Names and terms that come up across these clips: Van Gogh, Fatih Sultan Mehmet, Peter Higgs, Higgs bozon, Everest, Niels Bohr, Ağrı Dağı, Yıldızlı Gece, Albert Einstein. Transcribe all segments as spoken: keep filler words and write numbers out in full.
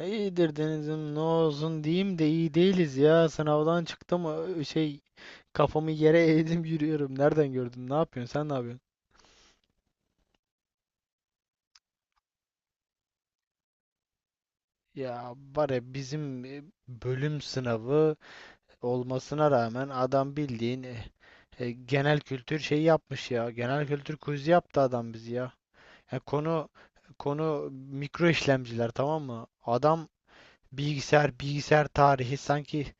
İyidir Deniz'im, ne olsun diyeyim de iyi değiliz ya. Sınavdan çıktım, ö- şey kafamı yere eğdim yürüyorum. Nereden gördün? Ne yapıyorsun? Sen ne yapıyorsun? Ya var ya bizim e, bölüm sınavı olmasına rağmen adam bildiğin e, e, genel kültür şeyi yapmış ya. Genel kültür quizi yaptı adam bizi ya. Ya konu konu mikro işlemciler, tamam mı? Adam bilgisayar bilgisayar tarihi sanki,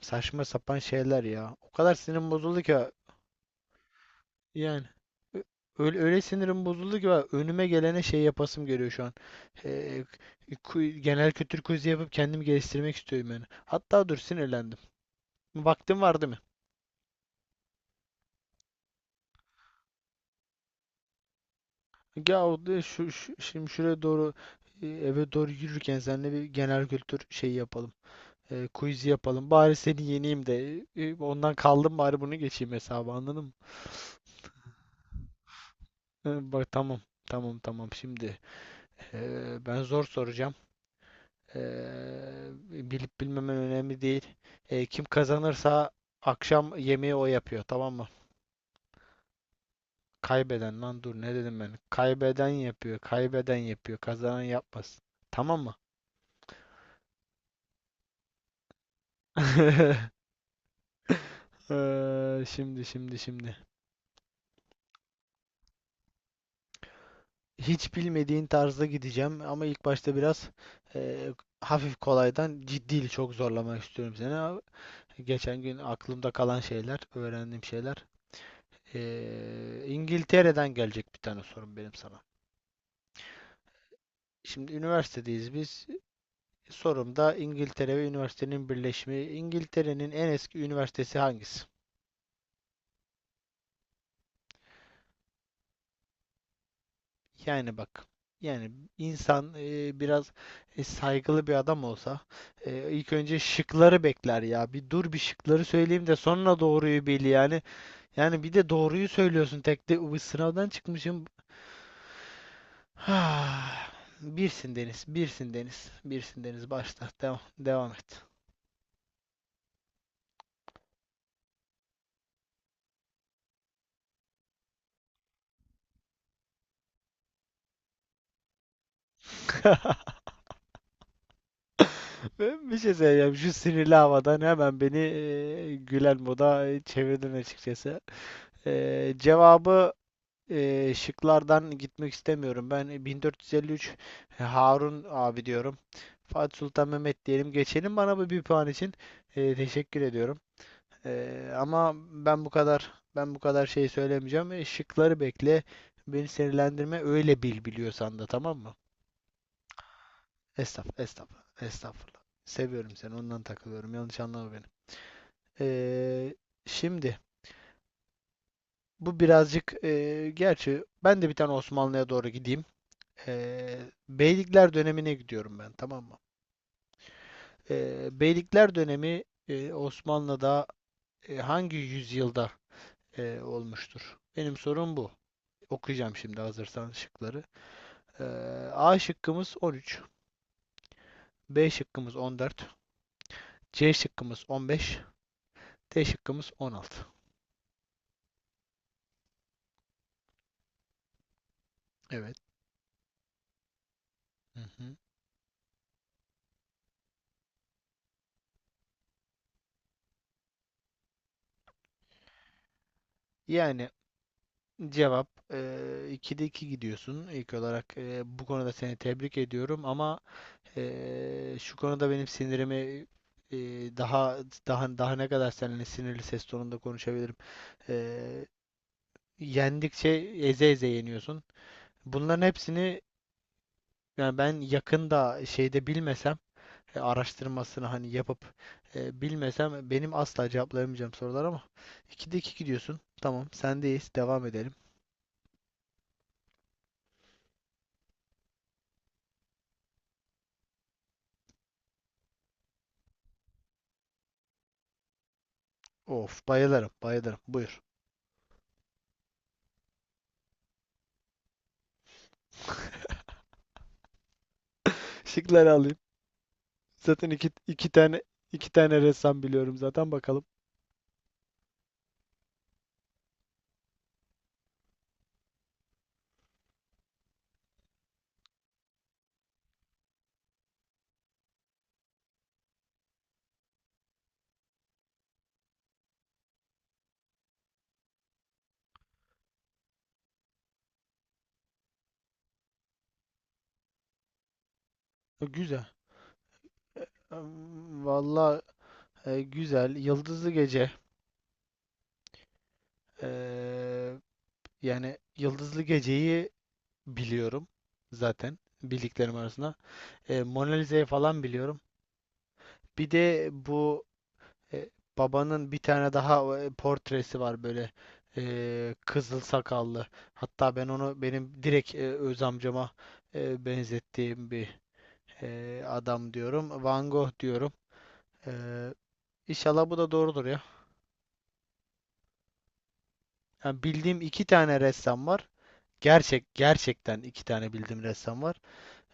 saçma sapan şeyler ya. O kadar sinirim bozuldu ki. Yani, ö- öyle, öyle sinirim bozuldu ki bak, önüme gelene şey yapasım geliyor şu an. Ee, ku- Genel kültür quiz'i yapıp kendimi geliştirmek istiyorum yani. Hatta dur, sinirlendim. Vaktim var değil mi? Ya o da şu, şu- şimdi şuraya doğru, e, eve doğru yürürken seninle bir genel kültür şeyi yapalım. Ee, quiz'i yapalım. Bari seni yeneyim de, e, e, ondan kaldım bari bunu geçeyim hesabı, anladın mı? Ee, bak tamam. Tamam tamam şimdi. Ee, ben zor soracağım. Eee, Bilip bilmemen önemli değil. Eee, kim kazanırsa akşam yemeği o yapıyor, tamam mı? Kaybeden... Lan dur, ne dedim ben? Kaybeden yapıyor, kaybeden yapıyor, kazanan yapmaz. Tamam mı? Eee, şimdi şimdi şimdi. Hiç bilmediğin tarzda gideceğim ama ilk başta biraz eee, hafif kolaydan, ciddi çok zorlamak istiyorum seni. Ama geçen gün aklımda kalan şeyler, öğrendiğim şeyler. Eee, İngiltere'den gelecek bir tane sorum benim sana. Şimdi üniversitedeyiz biz. Sorumda İngiltere ve üniversitenin birleşimi. İngiltere'nin en eski üniversitesi hangisi? Yani bak. Yani insan e, biraz e, saygılı bir adam olsa e, ilk önce şıkları bekler ya. Bir dur, bir şıkları söyleyeyim de sonra doğruyu bil yani. Yani bir de doğruyu söylüyorsun tek de, "Uy, sınavdan çıkmışım. Birsin Deniz, birsin Deniz, birsin Deniz. Başla, devam, devam et. Ben bir şey söyleyeceğim. Şu sinirli havadan hemen beni e, gülen moda e, çevirdin açıkçası. E, cevabı e, şıklardan gitmek istemiyorum. Ben bin dört yüz elli üç, Harun abi diyorum. Fatih Sultan Mehmet diyelim. Geçelim, bana bu bir puan için. E, teşekkür ediyorum. E, ama ben bu kadar ben bu kadar şey söylemeyeceğim. E, şıkları bekle. Beni sinirlendirme. Öyle bil biliyorsan da, tamam mı? Estağfurullah, estağfurullah, estağfurullah. Seviyorum seni, ondan takılıyorum. Yanlış anlama beni. Ee, Şimdi bu birazcık e, gerçi ben de bir tane Osmanlı'ya doğru gideyim. Ee, Beylikler dönemine gidiyorum ben, tamam mı? Ee, Beylikler dönemi e, Osmanlı'da e, hangi yüzyılda e, olmuştur? Benim sorum bu. Okuyacağım şimdi, hazırsan şıkları. Ee, A şıkkımız on üç, B şıkkımız on dört, C şıkkımız on beş, D şıkkımız on altı. Evet. Hı hı. Yani cevap, eee ikide iki gidiyorsun. İlk olarak eee, bu konuda seni tebrik ediyorum ama eee, şu konuda benim sinirimi eee, daha daha daha ne kadar seninle sinirli ses tonunda konuşabilirim. Eee, Yendikçe eze eze yeniyorsun. Bunların hepsini, yani ben yakında şeyde bilmesem, e, araştırmasını hani yapıp e, bilmesem benim asla cevaplayamayacağım sorular ama ikide iki gidiyorsun. Tamam, sendeyiz. Devam edelim. Of, bayılırım, bayılırım. Buyur. Şıkları alayım. Zaten iki, iki tane iki tane ressam biliyorum zaten, bakalım. E, Güzel. Em, Vallahi e, güzel. Yıldızlı Gece. Eee, Yani Yıldızlı Gece'yi biliyorum zaten, bildiklerim arasında. E, Mona Lisa'yı falan biliyorum. Bir de bu e, babanın bir tane daha e, portresi var böyle, e, kızıl sakallı. Hatta ben onu, benim direkt e, öz amcama e, benzettiğim bir e, adam diyorum. Van Gogh diyorum. E, inşallah bu da doğrudur ya. Yani bildiğim iki tane ressam var. Gerçek gerçekten iki tane bildiğim ressam var.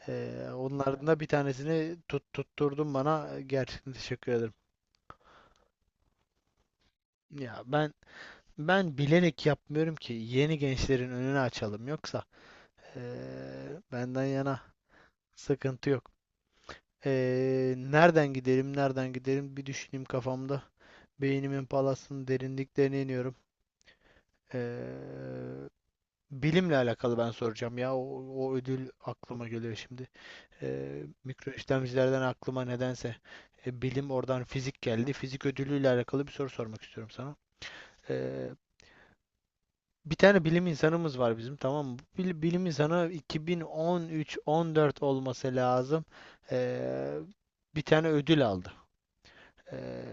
E, Onlardan da bir tanesini tut, tutturdun bana. Gerçekten teşekkür ederim. Ya ben ben bilerek yapmıyorum ki, yeni gençlerin önünü açalım yoksa e, benden yana sıkıntı yok. E, nereden gidelim, nereden gidelim, bir düşüneyim kafamda. Beynimin palasının derinliklerine iniyorum. Ee, Bilimle alakalı ben soracağım ya. O, o ödül aklıma geliyor şimdi. Ee, mikro işlemcilerden aklıma nedense e, bilim, oradan fizik geldi. Fizik ödülüyle alakalı bir soru sormak istiyorum sana. Ee, Bir tane bilim insanımız var bizim, tamam mı? Bu bil- bilim insanı iki bin on üç-on dört olması lazım. Ee, Bir tane ödül aldı. Eee,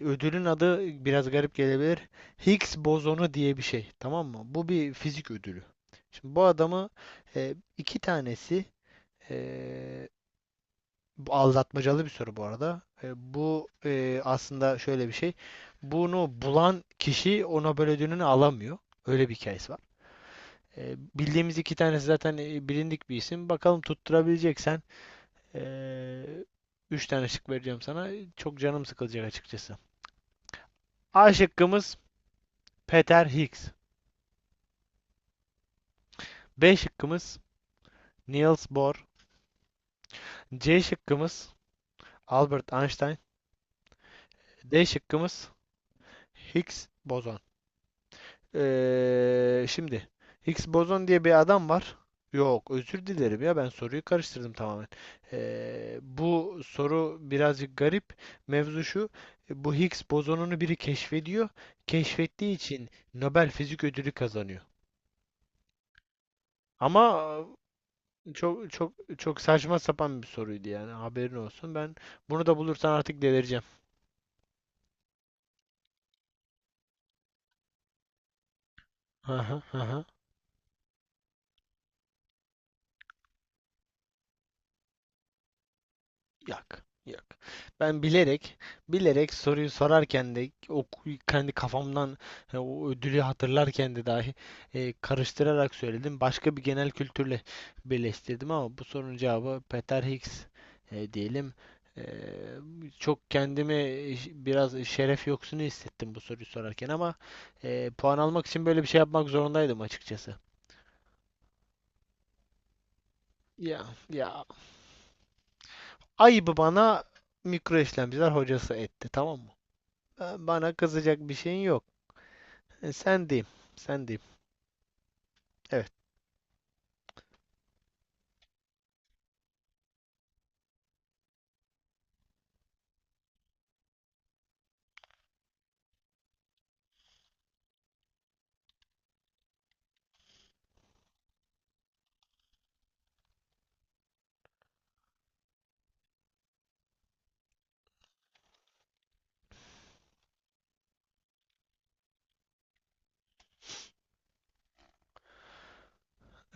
Ödülün adı biraz garip gelebilir. Higgs bozonu diye bir şey. Tamam mı? Bu bir fizik ödülü. Şimdi bu adamı eee, iki tanesi, eee, bu aldatmacalı bir soru bu arada. Eee, bu eee, aslında şöyle bir şey. Bunu bulan kişi o Nobel ödülünü alamıyor. Öyle bir hikayesi var. Eee, bildiğimiz iki tanesi zaten, eee, bilindik bir isim. Bakalım tutturabileceksen, eee, üç tane şık vereceğim sana. Çok canım sıkılacak açıkçası. A şıkkımız Peter Higgs. B şıkkımız Niels Bohr. C şıkkımız Albert Einstein. D şıkkımız Higgs bozon. Ee, şimdi Higgs bozon diye bir adam var. Yok, özür dilerim ya, ben soruyu karıştırdım tamamen. Ee, bu soru birazcık garip. Mevzu şu, bu Higgs bozonunu biri keşfediyor. Keşfettiği için Nobel Fizik Ödülü kazanıyor. Ama çok çok çok saçma sapan bir soruydu yani, haberin olsun. Ben bunu da bulursan artık delireceğim. Aha, aha. Yok, yok. Ben bilerek, bilerek soruyu sorarken de, o k- kendi kafamdan e, o ödülü hatırlarken de dahi e, karıştırarak söyledim. Başka bir genel kültürle birleştirdim ama bu sorunun cevabı Peter Higgs e, diyelim. E, Çok kendimi ş- biraz şeref yoksunu hissettim bu soruyu sorarken ama e, puan almak için böyle bir şey yapmak zorundaydım açıkçası. Ya, ya ayıbı bana mikro işlemciler hocası etti, tamam mı? Ee, Bana kızacak bir şeyin yok. E, Sen diyeyim. Sen diyeyim. Evet.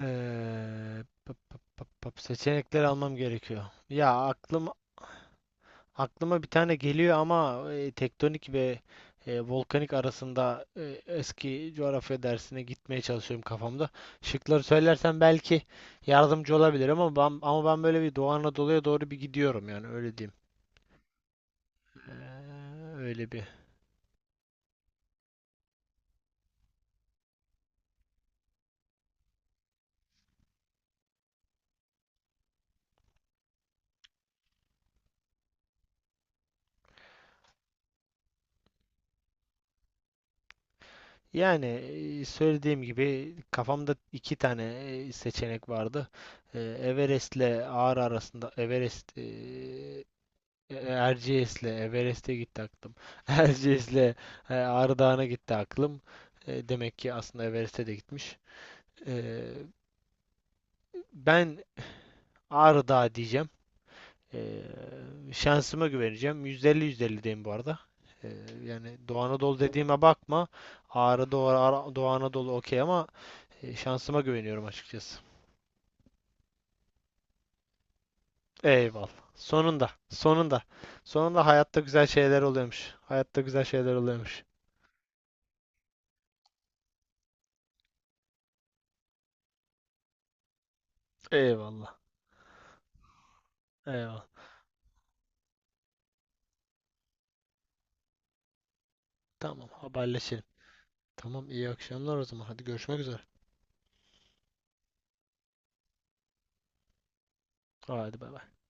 Ee, pıp pıp pıp pıp. Seçenekleri almam gerekiyor. Ya aklım aklıma bir tane geliyor ama e, tektonik ve e, volkanik arasında, e, eski coğrafya dersine gitmeye çalışıyorum kafamda. Şıkları söylersen belki yardımcı olabilir ama ben, ama ben böyle bir Doğu Anadolu'ya doğru bir gidiyorum yani, öyle diyeyim. Ee, öyle bir Yani e, söylediğim gibi kafamda iki tane e, seçenek vardı. E, Everest'le Ağrı arasında, Everest, e, Erciyes'le Everest'e gitti aklım. Erciyes'le e, Ağrı Dağı'na gitti aklım. E, Demek ki aslında Everest'e de gitmiş. E, Ben Ağrı Dağı diyeceğim. E, Şansıma güveneceğim. yüzde elli-yüzde elli diyeyim bu arada. E, Yani Doğu Anadolu dediğime bakma. Ağrı Doğu, Ara- Doğu Anadolu okey ama E, şansıma güveniyorum açıkçası. Eyvallah. Sonunda. Sonunda. Sonunda hayatta güzel şeyler oluyormuş. Hayatta güzel şeyler oluyormuş. Eyvallah. Eyvallah. Tamam, haberleşelim. Tamam, iyi akşamlar o zaman. Hadi, görüşmek üzere. Hadi, bay bay.